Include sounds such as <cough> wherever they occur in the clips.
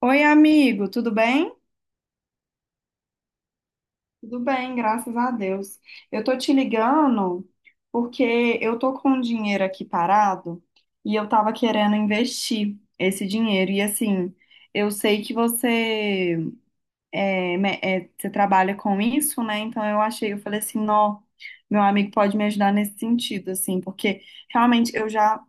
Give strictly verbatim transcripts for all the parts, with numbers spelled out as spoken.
Oi, amigo, tudo bem? Tudo bem, graças a Deus. Eu tô te ligando porque eu tô com um dinheiro aqui parado e eu tava querendo investir esse dinheiro. E assim, eu sei que você é, me- é, você trabalha com isso, né? Então eu achei, eu falei assim, não, meu amigo pode me ajudar nesse sentido, assim, porque realmente eu já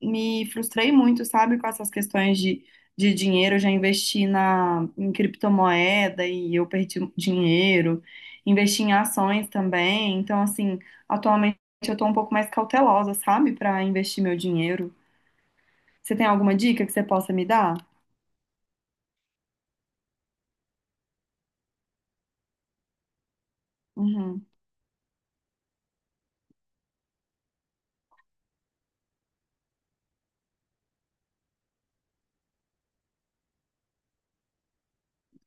me frustrei muito, sabe, com essas questões de, de dinheiro. Eu já investi na, em criptomoeda e eu perdi dinheiro, investi em ações também. Então, assim, atualmente eu tô um pouco mais cautelosa, sabe, para investir meu dinheiro. Você tem alguma dica que você possa me dar? Uhum.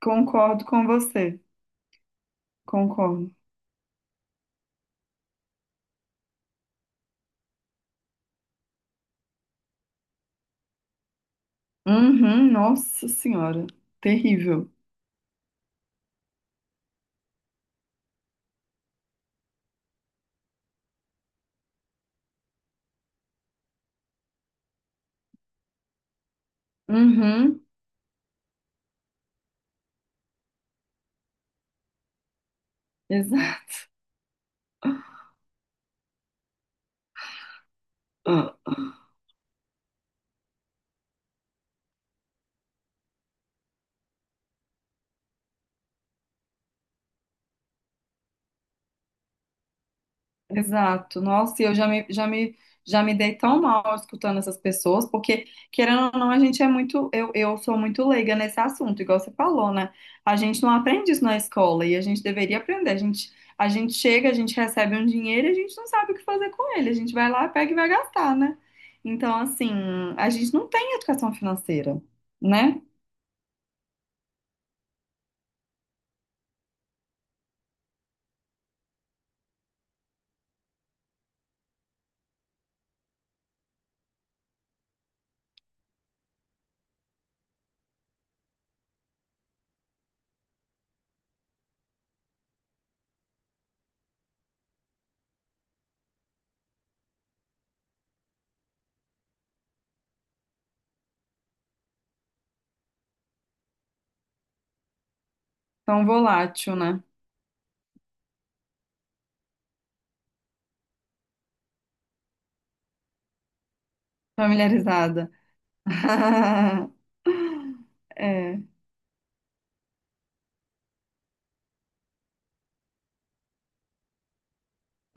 Concordo com você, concordo. Uhum, nossa senhora, terrível. Uhum, exato. Exato. Nossa, e eu já me, já me, já me dei tão mal escutando essas pessoas, porque, querendo ou não, a gente é muito, eu, eu sou muito leiga nesse assunto, igual você falou, né? A gente não aprende isso na escola e a gente deveria aprender. A gente, a gente chega, a gente recebe um dinheiro e a gente não sabe o que fazer com ele. A gente vai lá, pega e vai gastar, né? Então, assim, a gente não tem educação financeira, né? Tão volátil, né? Familiarizada. <laughs> É.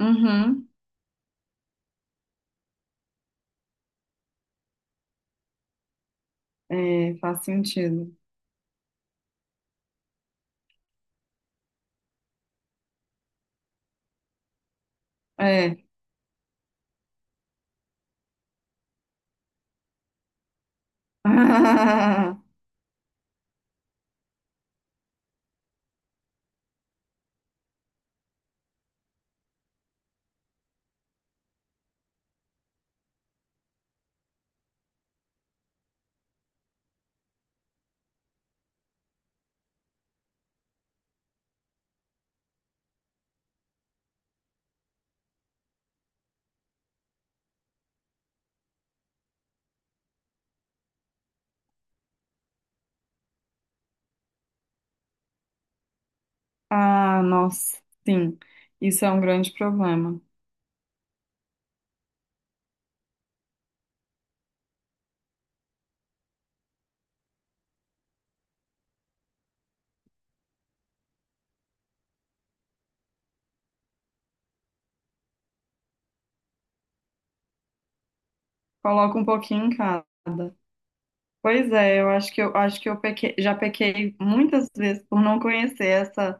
Uhum. É, faz sentido. É. <laughs> Ah, ah, nossa, sim, isso é um grande problema. Coloca um pouquinho em cada. Pois é, eu acho que eu acho que eu pequei, já pequei muitas vezes por não conhecer essa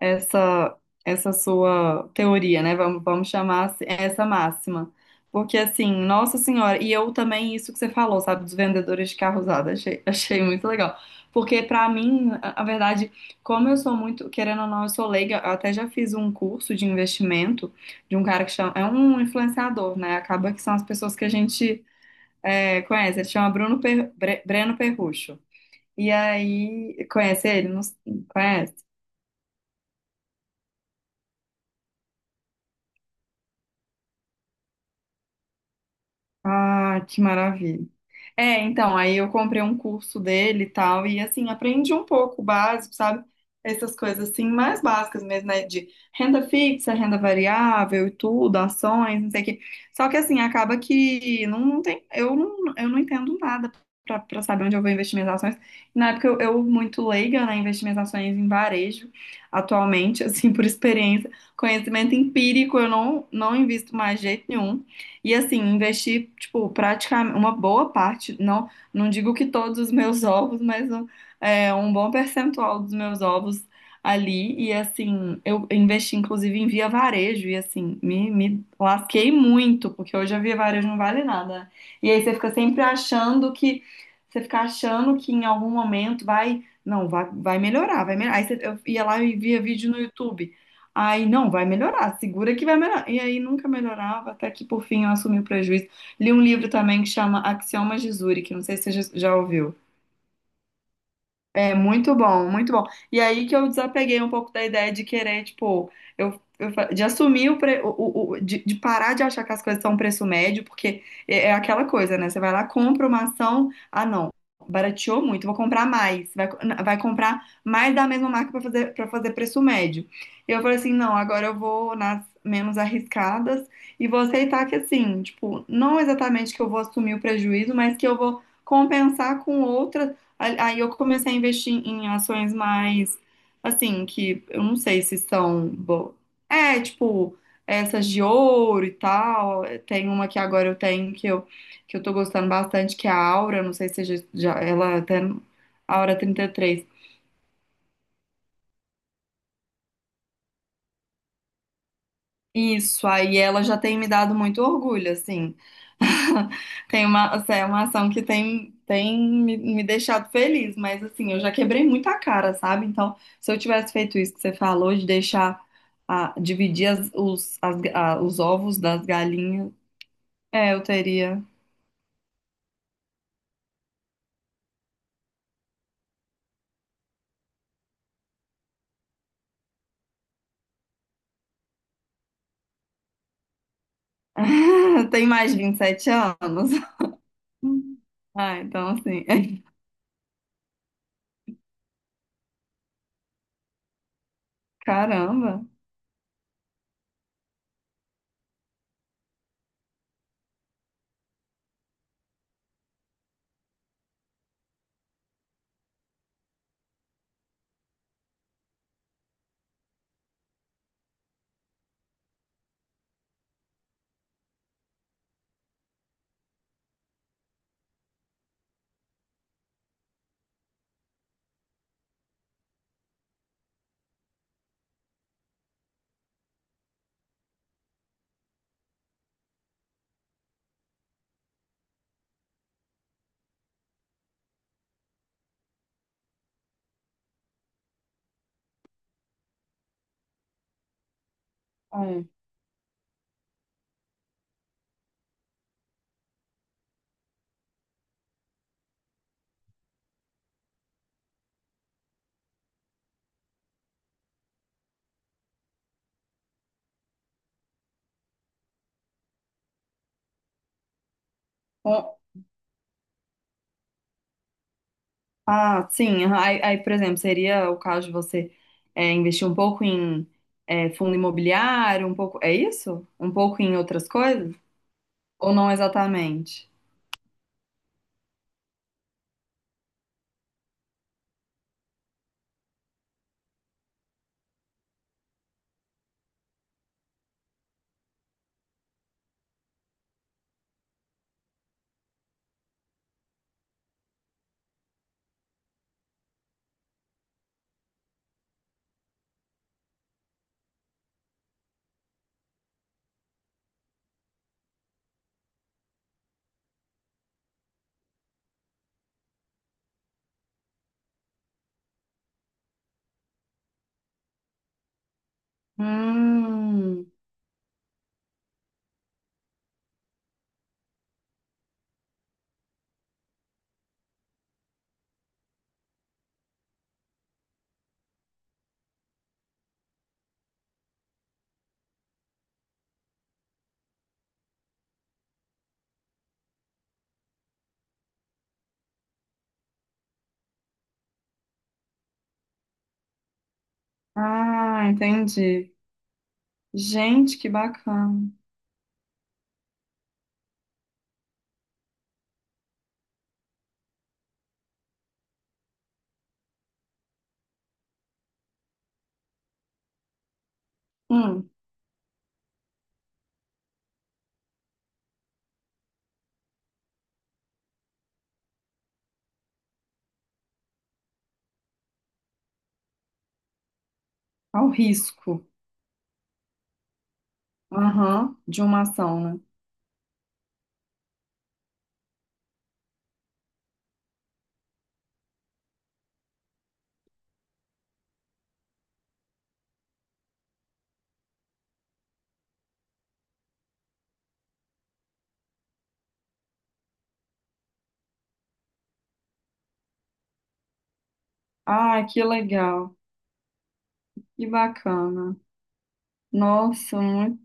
essa essa sua teoria, né? Vamos, vamos chamar assim, essa máxima. Porque assim, Nossa Senhora, e eu também isso que você falou, sabe, dos vendedores de carro usado, achei, <laughs> achei muito legal. Porque pra mim, a, a verdade, como eu sou muito, querendo ou não, eu sou leiga, eu até já fiz um curso de investimento de um cara que chama, é um influenciador, né? Acaba que são as pessoas que a gente é, conhece, ele chama Bruno Per- Bre- Breno Perrucho. E aí, conhece ele? Não, conhece? Ah, que maravilha. É, então, aí eu comprei um curso dele e tal, e assim, aprendi um pouco o básico, sabe? Essas coisas assim, mais básicas mesmo, né? De renda fixa, renda variável e tudo, ações, não sei o quê. Só que assim, acaba que não, não tem, eu não, eu não entendo nada pra pra saber onde eu vou investir minhas ações. Na época eu, eu muito leiga, né? Investi minhas ações em varejo, atualmente, <laughs> assim, por experiência, conhecimento empírico, eu não, não invisto mais de jeito nenhum. E assim, investi, tipo, praticamente uma boa parte, não, não digo que todos os meus <laughs> ovos, mas um, é, um bom percentual dos meus ovos ali. E assim, eu investi inclusive em via varejo, e assim, me, me lasquei muito, porque hoje a via varejo não vale nada. E aí você fica sempre achando que, você fica achando que em algum momento vai, não, vai, vai melhorar, vai melhorar. Aí você, eu ia lá e via vídeo no YouTube. Aí, não, vai melhorar, segura que vai melhorar. E aí nunca melhorava, até que por fim eu assumi o prejuízo. Li um livro também que chama Axiomas de Zurich, não sei se você já já ouviu. É muito bom, muito bom. E aí que eu desapeguei um pouco da ideia de querer, tipo, eu, eu fa- de assumir o, pre- o, o- o- de, de parar de achar que as coisas são um preço médio, porque é, é aquela coisa, né? Você vai lá, compra uma ação, ah, não, barateou muito, vou comprar mais. Vai, co- na- vai comprar mais da mesma marca para fazer, para fazer preço médio. E eu falei assim, não, agora eu vou nas menos arriscadas e vou aceitar que assim, tipo, não exatamente que eu vou assumir o prejuízo, mas que eu vou compensar com outras a- Aí eu comecei a investir em ações mais, assim, que eu não sei se são boas. É, tipo, essas de ouro e tal. Tem uma que agora eu tenho que eu, que eu tô gostando bastante, que é a Aura. Não sei se você já, já- ela até. Aura trinta e três. Isso, aí ela já tem me dado muito orgulho, assim. <laughs> Tem uma, assim, é uma ação que tem, tem me, me deixado feliz, mas assim, eu já quebrei muita cara, sabe? Então, se eu tivesse feito isso que você falou, de deixar, ah, dividir as- os, as- ah, os ovos das galinhas, é, eu teria. <laughs> Tem mais de vinte e sete anos. <laughs> Ah, então assim, <laughs> caramba. É. Ah, sim. Aham. Aí, aí, por exemplo, seria o caso de você é, investir um pouco em é, fundo imobiliário, um pouco. É isso? Um pouco em outras coisas? Ou não exatamente? Hum. Ah, entendi. Gente, que bacana. Hum, ao risco. Aham, de uma ação, né? Ah, que legal. Que bacana. Nossa, muito.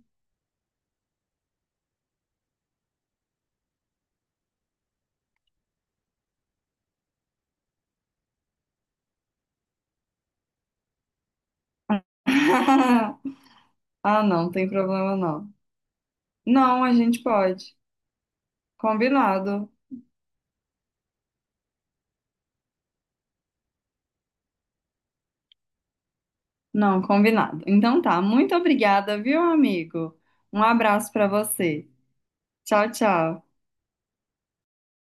<laughs> Ah, não, não tem problema não. Não, a gente pode. Combinado. Não, combinado. Então tá, muito obrigada, viu, amigo? Um abraço pra você. Tchau, tchau.